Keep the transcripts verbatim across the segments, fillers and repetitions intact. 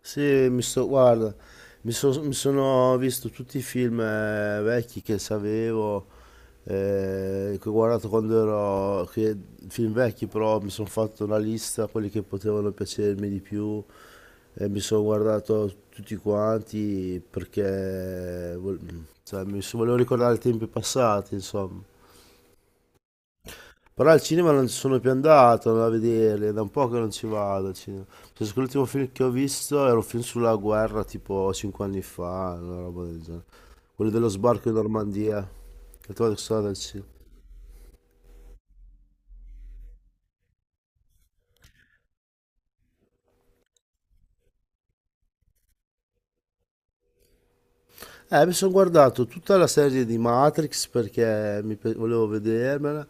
Sì, mi sto, guarda, mi, so- mi sono visto tutti i film eh, vecchi che sapevo, eh, che ho guardato quando ero, che, film vecchi. Però mi sono fatto una lista, quelli che potevano piacermi di più, e mi sono guardato tutti quanti perché vol- cioè, mi so- volevo ricordare i tempi passati, insomma. Però al cinema non ci sono più andato a vederli, è da un po' che non ci vado al cinema. Penso che l'ultimo film che ho visto era un film sulla guerra tipo cinque anni fa, una roba del genere. Quello dello sbarco in Normandia, che trovo che sono andato al cinema. Eh, mi sono guardato tutta la serie di Matrix perché mi pe- volevo vedermela.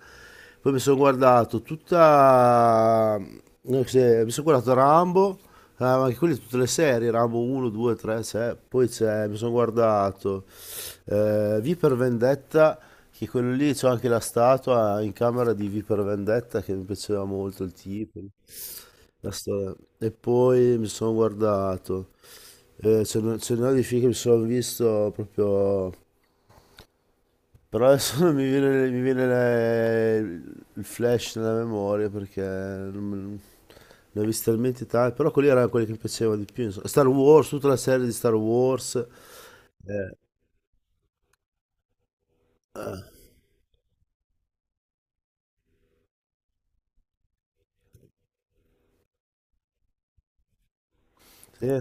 Poi mi sono guardato tutta, no, cos'è, mi sono guardato Rambo, eh, ma anche quelle tutte le serie, Rambo uno, due, tre, c'è. Poi c'è, mi sono guardato. Eh, V per Vendetta, che quello lì c'ho anche la statua in camera di V per Vendetta, che mi piaceva molto il tipo. La storia. E poi mi sono guardato. Eh, ce n'è ce n'è di film che mi sono visto proprio. Però adesso non mi viene, mi viene le- il flash nella memoria, perché non me- ne ho visti talmente tanti. Però quelli erano quelli che mi piacevano di più, insomma. Star Wars, tutta la serie di Star Wars. Eh, sì.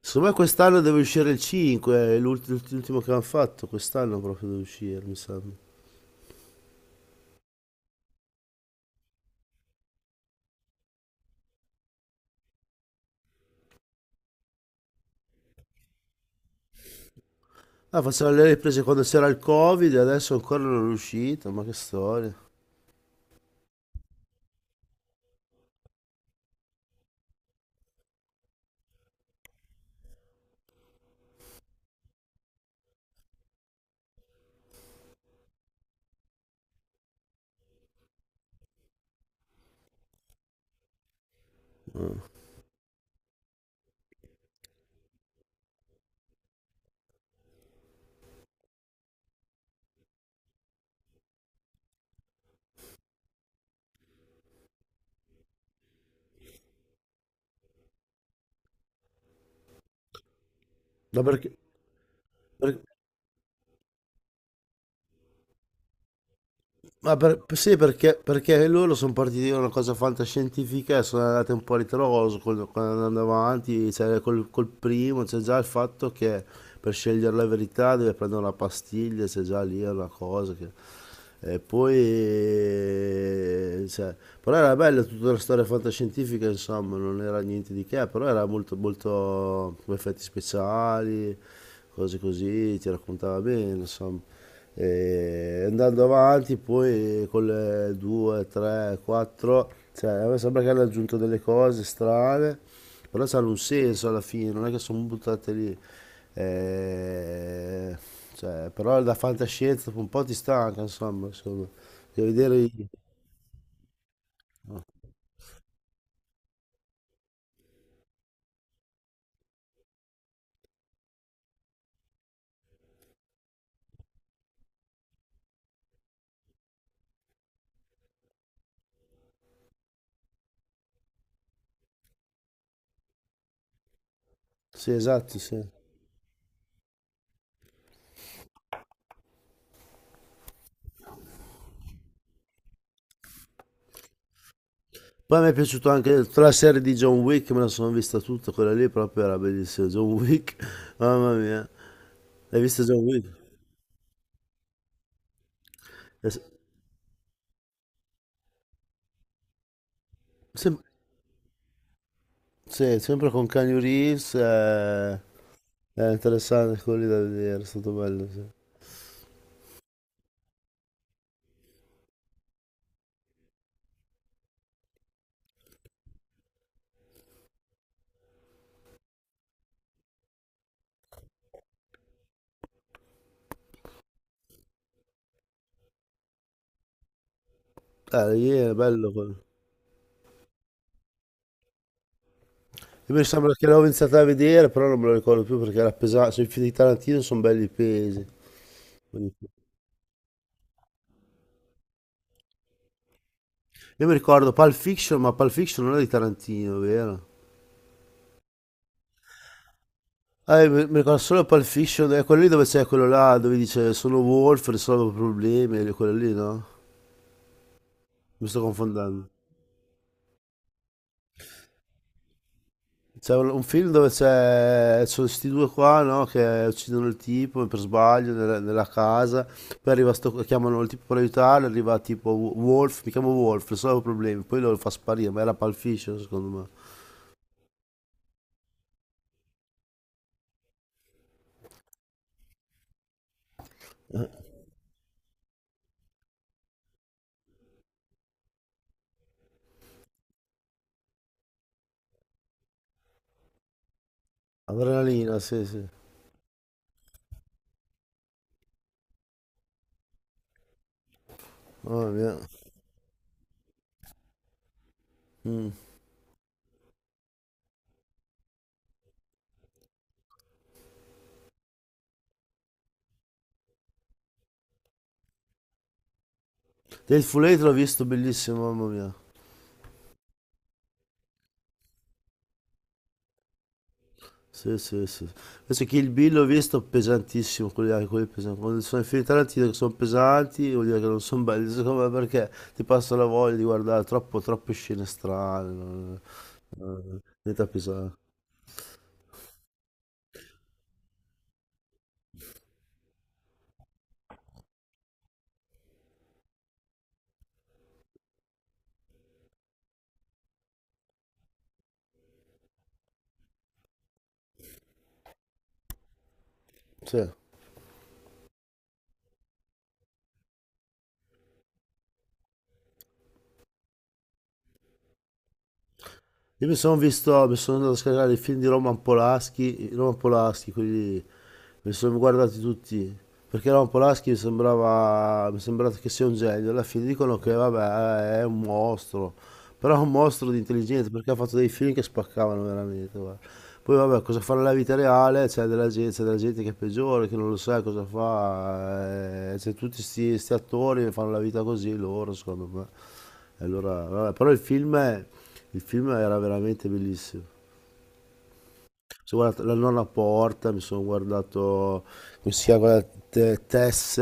Secondo me quest'anno deve uscire il cinque, è l'ult- l'ultimo che hanno fatto, quest'anno proprio deve uscire, mi sembra. Ah, facevano le riprese quando c'era il Covid e adesso ancora non è uscito, ma che storia. Eh. Ma perché, per- Ma per- Sì, perché, perché loro sono partiti da una cosa fantascientifica e sono andati un po' a ritroso, con- con- andando avanti, cioè, col, col primo, c'è già il fatto che per scegliere la verità deve prendere una pastiglia, c'è già lì una cosa che. E poi, cioè, però era bella tutta la storia fantascientifica, insomma, non era niente di che, però era molto, molto effetti speciali, cose così, ti raccontava bene, insomma. E andando avanti poi con le due, tre, quattro, cioè a me sembra che hanno aggiunto delle cose strane, però hanno un senso alla fine, non è che sono buttate lì. Eh, cioè, però la fantascienza dopo un po' ti stanca, insomma, insomma. Devi vedere i- Sì, esatto, sì. Poi mi è piaciuto anche tutta la serie di John Wick, me la sono vista tutta, quella lì proprio era bellissima, John Wick, mamma mia. L'hai vista John Wick? Eh, sì, sì, sempre con Keanu Reeves, eh, era interessante quello lì da vedere, è stato bello, sì. Eh, lì è bello quello. Io mi sembra che l'avevo iniziato a vedere, però non me lo ricordo più perché era pesante, cioè, i film di Tarantino sono belli pesi. Quindi- Io mi ricordo Pulp Fiction, ma Pulp Fiction non è di Tarantino, vero? Ah, io mi mi ricordo solo Pulp Fiction, è quello lì dove c'è quello là, dove dice sono Wolf, risolvo problemi, quello lì, no? Mi sto confondendo. C'è un, un film dove c'è sono questi due qua, no, che uccidono il tipo per sbaglio nella, nella casa, poi arriva sto, chiamano il tipo per aiutarlo, arriva tipo Wo- Wolf, mi chiamo Wolf, risolvo problemi, poi lo fa sparire, ma era Pulp Fiction secondo me. Adrenalina, sì, sì. Mamma mia. Mm. Full Eight l'ho visto, bellissimo, mamma mia. Sì, sì, sì. Adesso Kill Bill l'ho visto pesantissimo, quelli, anche quelli pesanti. Quando sono i film di Tarantino che sono pesanti, vuol dire che non sono belli, secondo me, perché ti passa la voglia di guardare troppo, troppe scene strane, non- diventa pesante. Sì. Io mi sono visto, mi sono andato a scaricare i film di Roman Polanski, Roman Polanski, quelli mi sono guardati tutti, perché Ron Polaschi mi sembrava mi sembrava che sia un genio. Alla fine dicono che, vabbè, è un mostro, però è un mostro di intelligenza, perché ha fatto dei film che spaccavano veramente, guarda. Poi, vabbè, cosa fa nella vita reale, c'è della gente, c'è della gente che è peggiore, che non lo sa cosa fa, eh, c'è tutti questi attori che fanno la vita così, loro secondo me. E allora vabbè, però il film è- il film era veramente bellissimo. Sono guardato la nonna porta, mi sono guardato, come si chiama, quella te- Tess,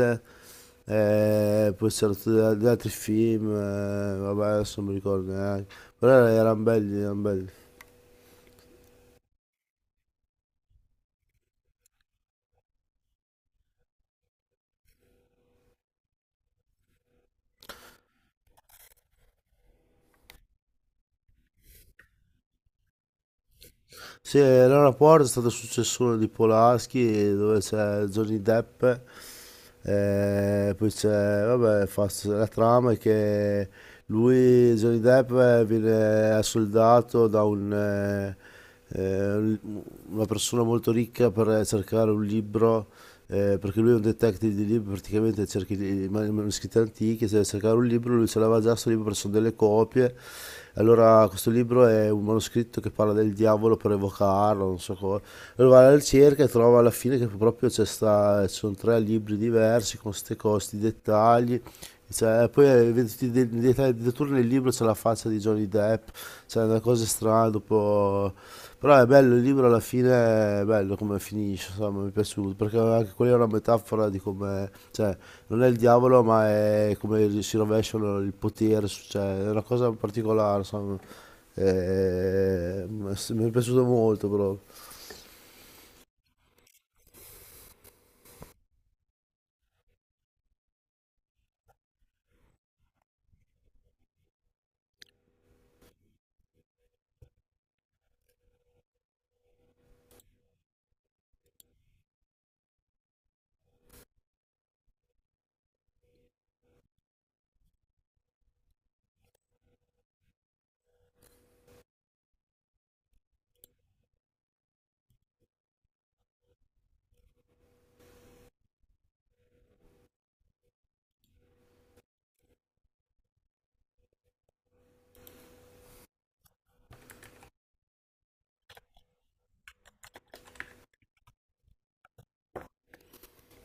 eh, poi c'erano tutti gli altri film, eh, vabbè, adesso non mi ricordo neanche, però erano belli, erano belli. Sì, Elena Porte è stata successore di Polaschi, dove c'è Johnny Depp, eh, poi c'è, vabbè, fa- la trama è che lui, Johnny Depp, eh, viene assoldato da un, eh, eh, un- una persona molto ricca, per cercare un libro, eh, perché lui è un detective di libri, praticamente cerca i i manoscritti antichi. Se deve cercare un libro, lui ce l'aveva già sto libro, perché sono delle copie. Allora questo libro è un manoscritto che parla del diavolo, per evocarlo, non so cosa. Allora va alla ricerca e trova alla fine che proprio c'è sta, ci sono tre libri diversi con queste costi, dettagli. Cioè, poi, eh, vedi tutti i de- i dettagli. Addirittura nel libro c'è la faccia di Johnny Depp, c'è una cosa strana. Tipo- Però è bello, il libro alla fine è bello come finisce, insomma, mi è piaciuto, perché anche quella è una metafora di come, cioè, non è il diavolo, ma è come si rovesciano il potere, su- cioè, è una cosa particolare, insomma. Eh, ma s- mi è piaciuto molto, però.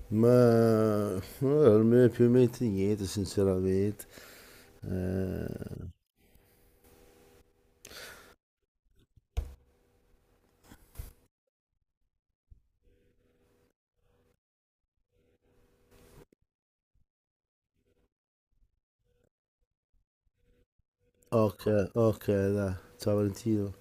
Ma eh, non mi viene più in mente niente, sinceramente. Eh, ok, ok, dai, ciao Valentino.